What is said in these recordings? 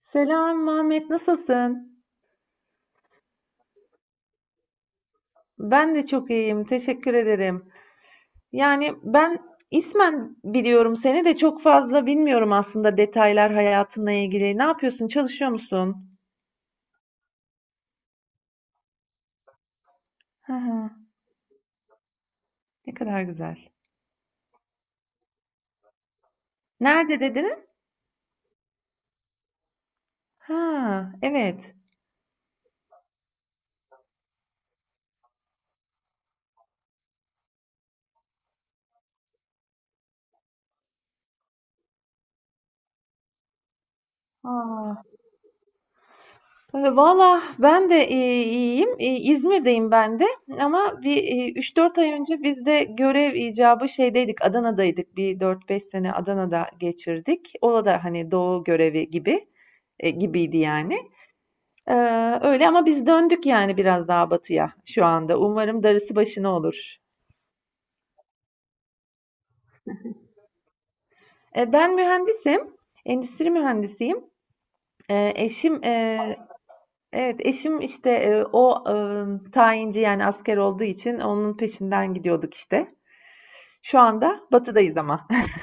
Selam Mehmet, nasılsın? Ben de çok iyiyim, teşekkür ederim. Yani ben ismen biliyorum seni de çok fazla bilmiyorum aslında detaylar hayatınla ilgili. Ne yapıyorsun? Çalışıyor musun? Ha, ne kadar güzel. Nerede dedin? Ha, evet. Aa, valla ben de, iyiyim. İzmir'deyim ben de ama 3-4 ay önce biz de görev icabı şeydeydik, Adana'daydık. Bir dört beş sene Adana'da geçirdik. O da hani doğu görevi gibi gibiydi yani. Öyle ama biz döndük yani biraz daha batıya şu anda. Umarım darısı başına olur. E, ben mühendisim, endüstri mühendisiyim. E, eşim Evet, eşim işte o tayinci yani asker olduğu için onun peşinden gidiyorduk işte. Şu anda batıdayız ama.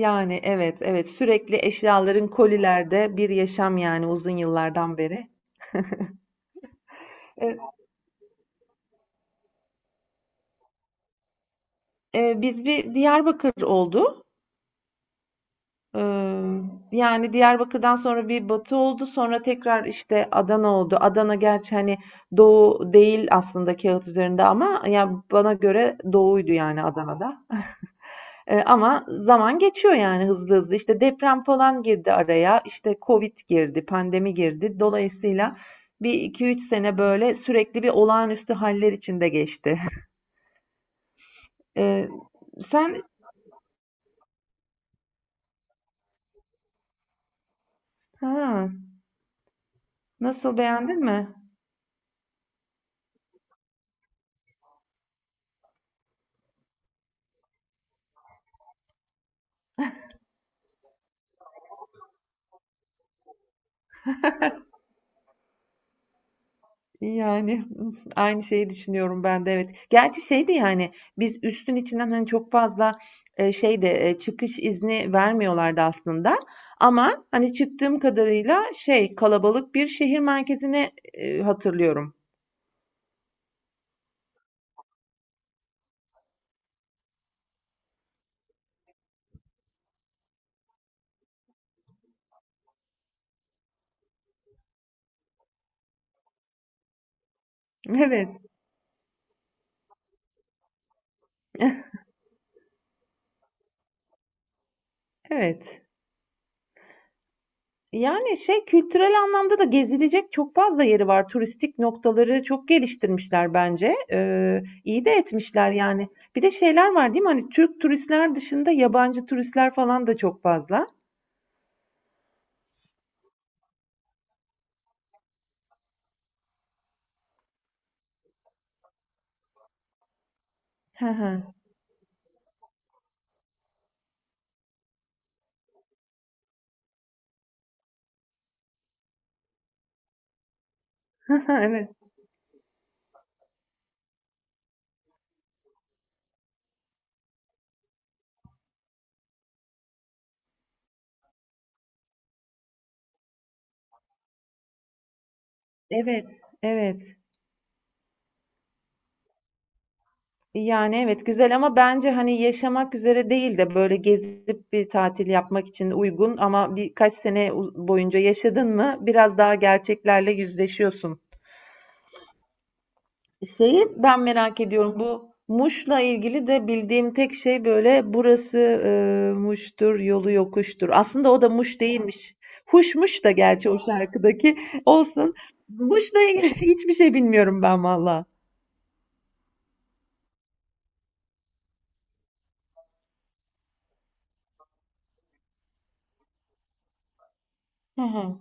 Yani evet evet sürekli eşyaların kolilerde bir yaşam yani uzun yıllardan beri. E, biz bir Diyarbakır oldu. E, yani Diyarbakır'dan sonra bir Batı oldu. Sonra tekrar işte Adana oldu. Adana gerçi hani Doğu değil aslında kağıt üzerinde ama ya bana göre Doğu'ydu yani Adana'da. Ama zaman geçiyor yani hızlı hızlı. İşte deprem falan girdi araya, işte Covid girdi, pandemi girdi. Dolayısıyla bir iki üç sene böyle sürekli bir olağanüstü haller içinde geçti. Eee, sen ha, nasıl beğendin mi? Yani aynı şeyi düşünüyorum ben de evet. Gerçi şey yani biz üstün içinden hani çok fazla şey de çıkış izni vermiyorlardı aslında. Ama hani çıktığım kadarıyla şey kalabalık bir şehir merkezine hatırlıyorum. Evet. Evet. Yani şey kültürel anlamda da gezilecek çok fazla yeri var. Turistik noktaları çok geliştirmişler bence. İyi de etmişler yani. Bir de şeyler var değil mi? Hani Türk turistler dışında yabancı turistler falan da çok fazla. Hı hı. Evet. Evet. Evet. Yani evet güzel ama bence hani yaşamak üzere değil de böyle gezip bir tatil yapmak için uygun ama birkaç sene boyunca yaşadın mı biraz daha gerçeklerle yüzleşiyorsun. Şeyi ben merak ediyorum. Bu Muş'la ilgili de bildiğim tek şey böyle burası Muş'tur, yolu yokuştur. Aslında o da Muş değilmiş. Huşmuş da gerçi o şarkıdaki olsun. Muş'la ilgili hiçbir şey bilmiyorum ben valla. Hı hı.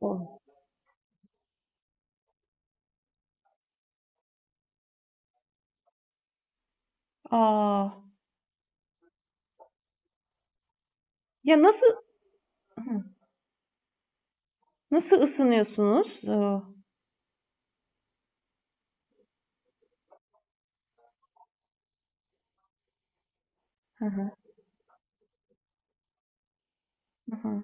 O. Aa, ya nasıl hı, nasıl ısınıyorsunuz? Hı hı. Hı hı.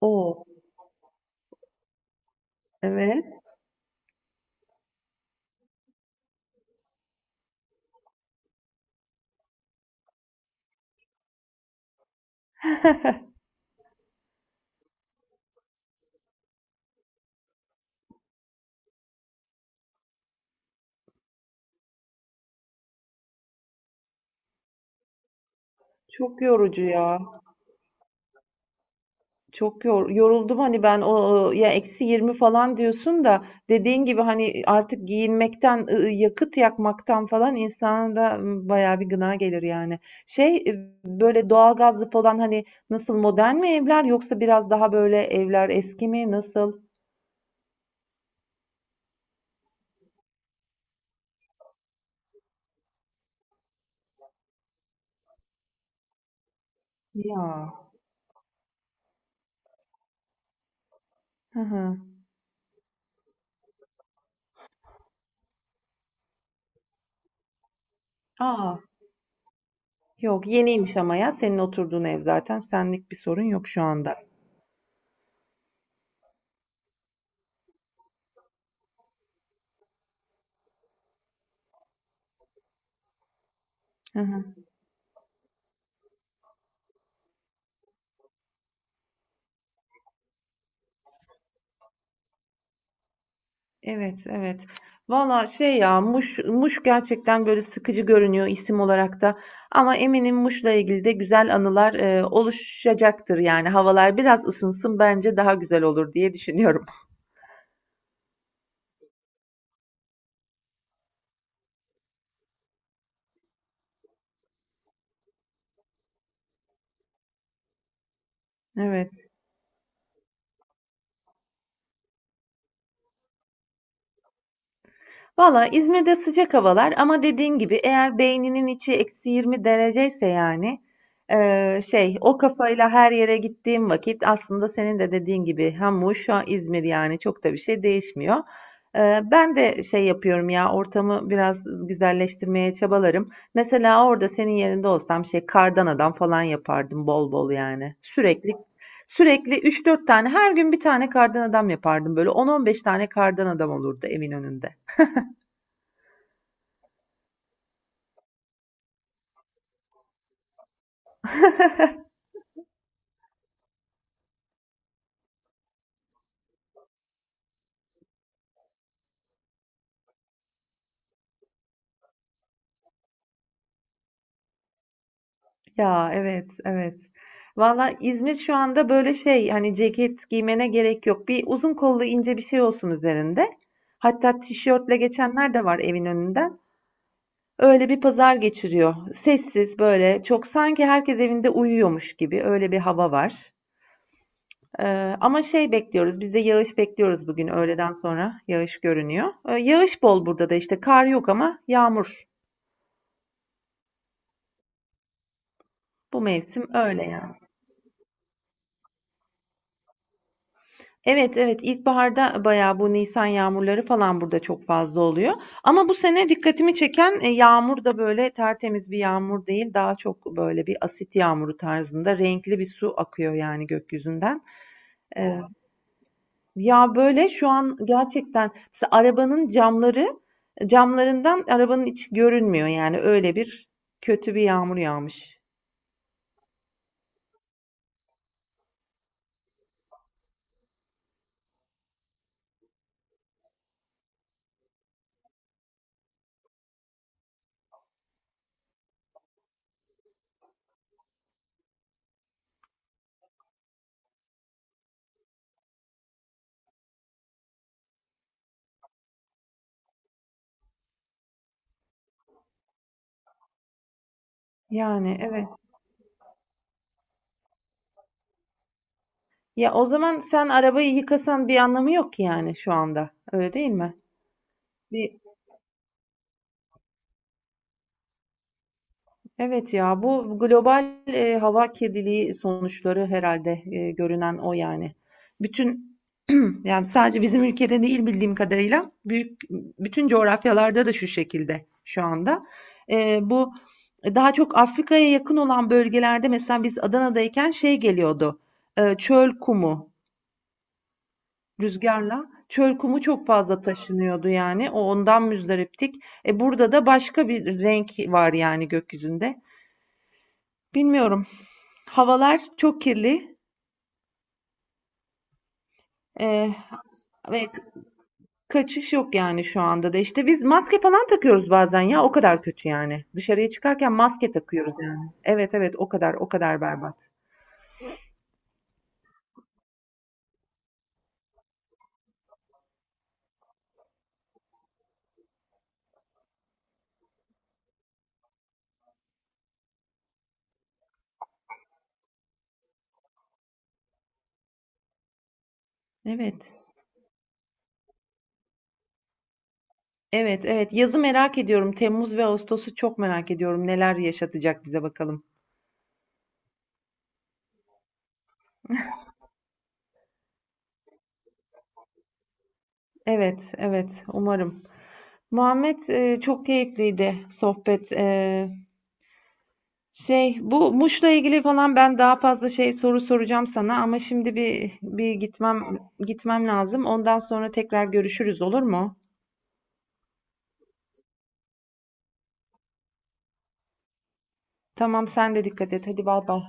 O. Evet. Çok yorucu ya. Çok yoruldum hani ben o ya eksi 20 falan diyorsun da dediğin gibi hani artık giyinmekten yakıt yakmaktan falan insana da bayağı bir gına gelir yani. Şey böyle doğalgazlı falan hani nasıl modern mi evler yoksa biraz daha böyle evler eski mi nasıl? Ya. Hı hı. Aa, yok yeniymiş ama ya senin oturduğun ev zaten senlik bir sorun yok şu anda. Evet, evet. Valla şey ya Muş, Muş gerçekten böyle sıkıcı görünüyor isim olarak da. Ama eminim Muş'la ilgili de güzel anılar oluşacaktır yani. Havalar biraz ısınsın bence daha güzel olur diye düşünüyorum. Evet. Valla İzmir'de sıcak havalar ama dediğin gibi eğer beyninin içi eksi 20 dereceyse yani şey o kafayla her yere gittiğim vakit aslında senin de dediğin gibi hem Muş hem İzmir yani çok da bir şey değişmiyor. Ben de şey yapıyorum ya ortamı biraz güzelleştirmeye çabalarım. Mesela orada senin yerinde olsam şey kardan adam falan yapardım bol bol yani. Sürekli sürekli üç dört tane her gün bir tane kardan adam yapardım böyle on on beş tane kardan adam olurdu evin önünde. Ya evet, evet. Valla İzmir şu anda böyle şey hani ceket giymene gerek yok. Bir uzun kollu ince bir şey olsun üzerinde. Hatta tişörtle geçenler de var evin önünden. Öyle bir pazar geçiriyor. Sessiz böyle çok sanki herkes evinde uyuyormuş gibi öyle bir hava var. Ee, ama şey bekliyoruz biz de yağış bekliyoruz bugün öğleden sonra yağış görünüyor. Yağış bol burada da işte kar yok ama yağmur. Bu mevsim öyle yani. Evet, evet. İlkbaharda bayağı bu nisan yağmurları falan burada çok fazla oluyor. Ama bu sene dikkatimi çeken yağmur da böyle tertemiz bir yağmur değil. Daha çok böyle bir asit yağmuru tarzında renkli bir su akıyor yani gökyüzünden. E, ya böyle şu an gerçekten mesela arabanın camlarından arabanın içi görünmüyor yani öyle bir kötü bir yağmur yağmış. Yani evet. Ya o zaman sen arabayı yıkasan bir anlamı yok ki yani şu anda. Öyle değil mi? Bir, evet ya bu global hava kirliliği sonuçları herhalde görünen o yani. Bütün yani sadece bizim ülkede değil bildiğim kadarıyla büyük bütün coğrafyalarda da şu şekilde şu anda. Bu daha çok Afrika'ya yakın olan bölgelerde mesela biz Adana'dayken şey geliyordu. Çöl rüzgarla çöl kumu çok fazla taşınıyordu yani. O ondan müzdariptik. Burada da başka bir renk var yani gökyüzünde. Bilmiyorum. Havalar çok kirli eee, ve kaçış yok yani şu anda da. İşte biz maske falan takıyoruz bazen ya o kadar kötü yani. Dışarıya çıkarken maske takıyoruz yani. Evet evet o kadar o kadar berbat. Evet. Evet evet yazı merak ediyorum. Temmuz ve Ağustos'u çok merak ediyorum. Neler yaşatacak bize bakalım. Evet evet umarım. Muhammed çok keyifliydi sohbet. Şey, bu Muş'la ilgili falan ben daha fazla şey soru soracağım sana ama şimdi bir gitmem lazım. Ondan sonra tekrar görüşürüz olur mu? Tamam sen de dikkat et. Hadi bay bay.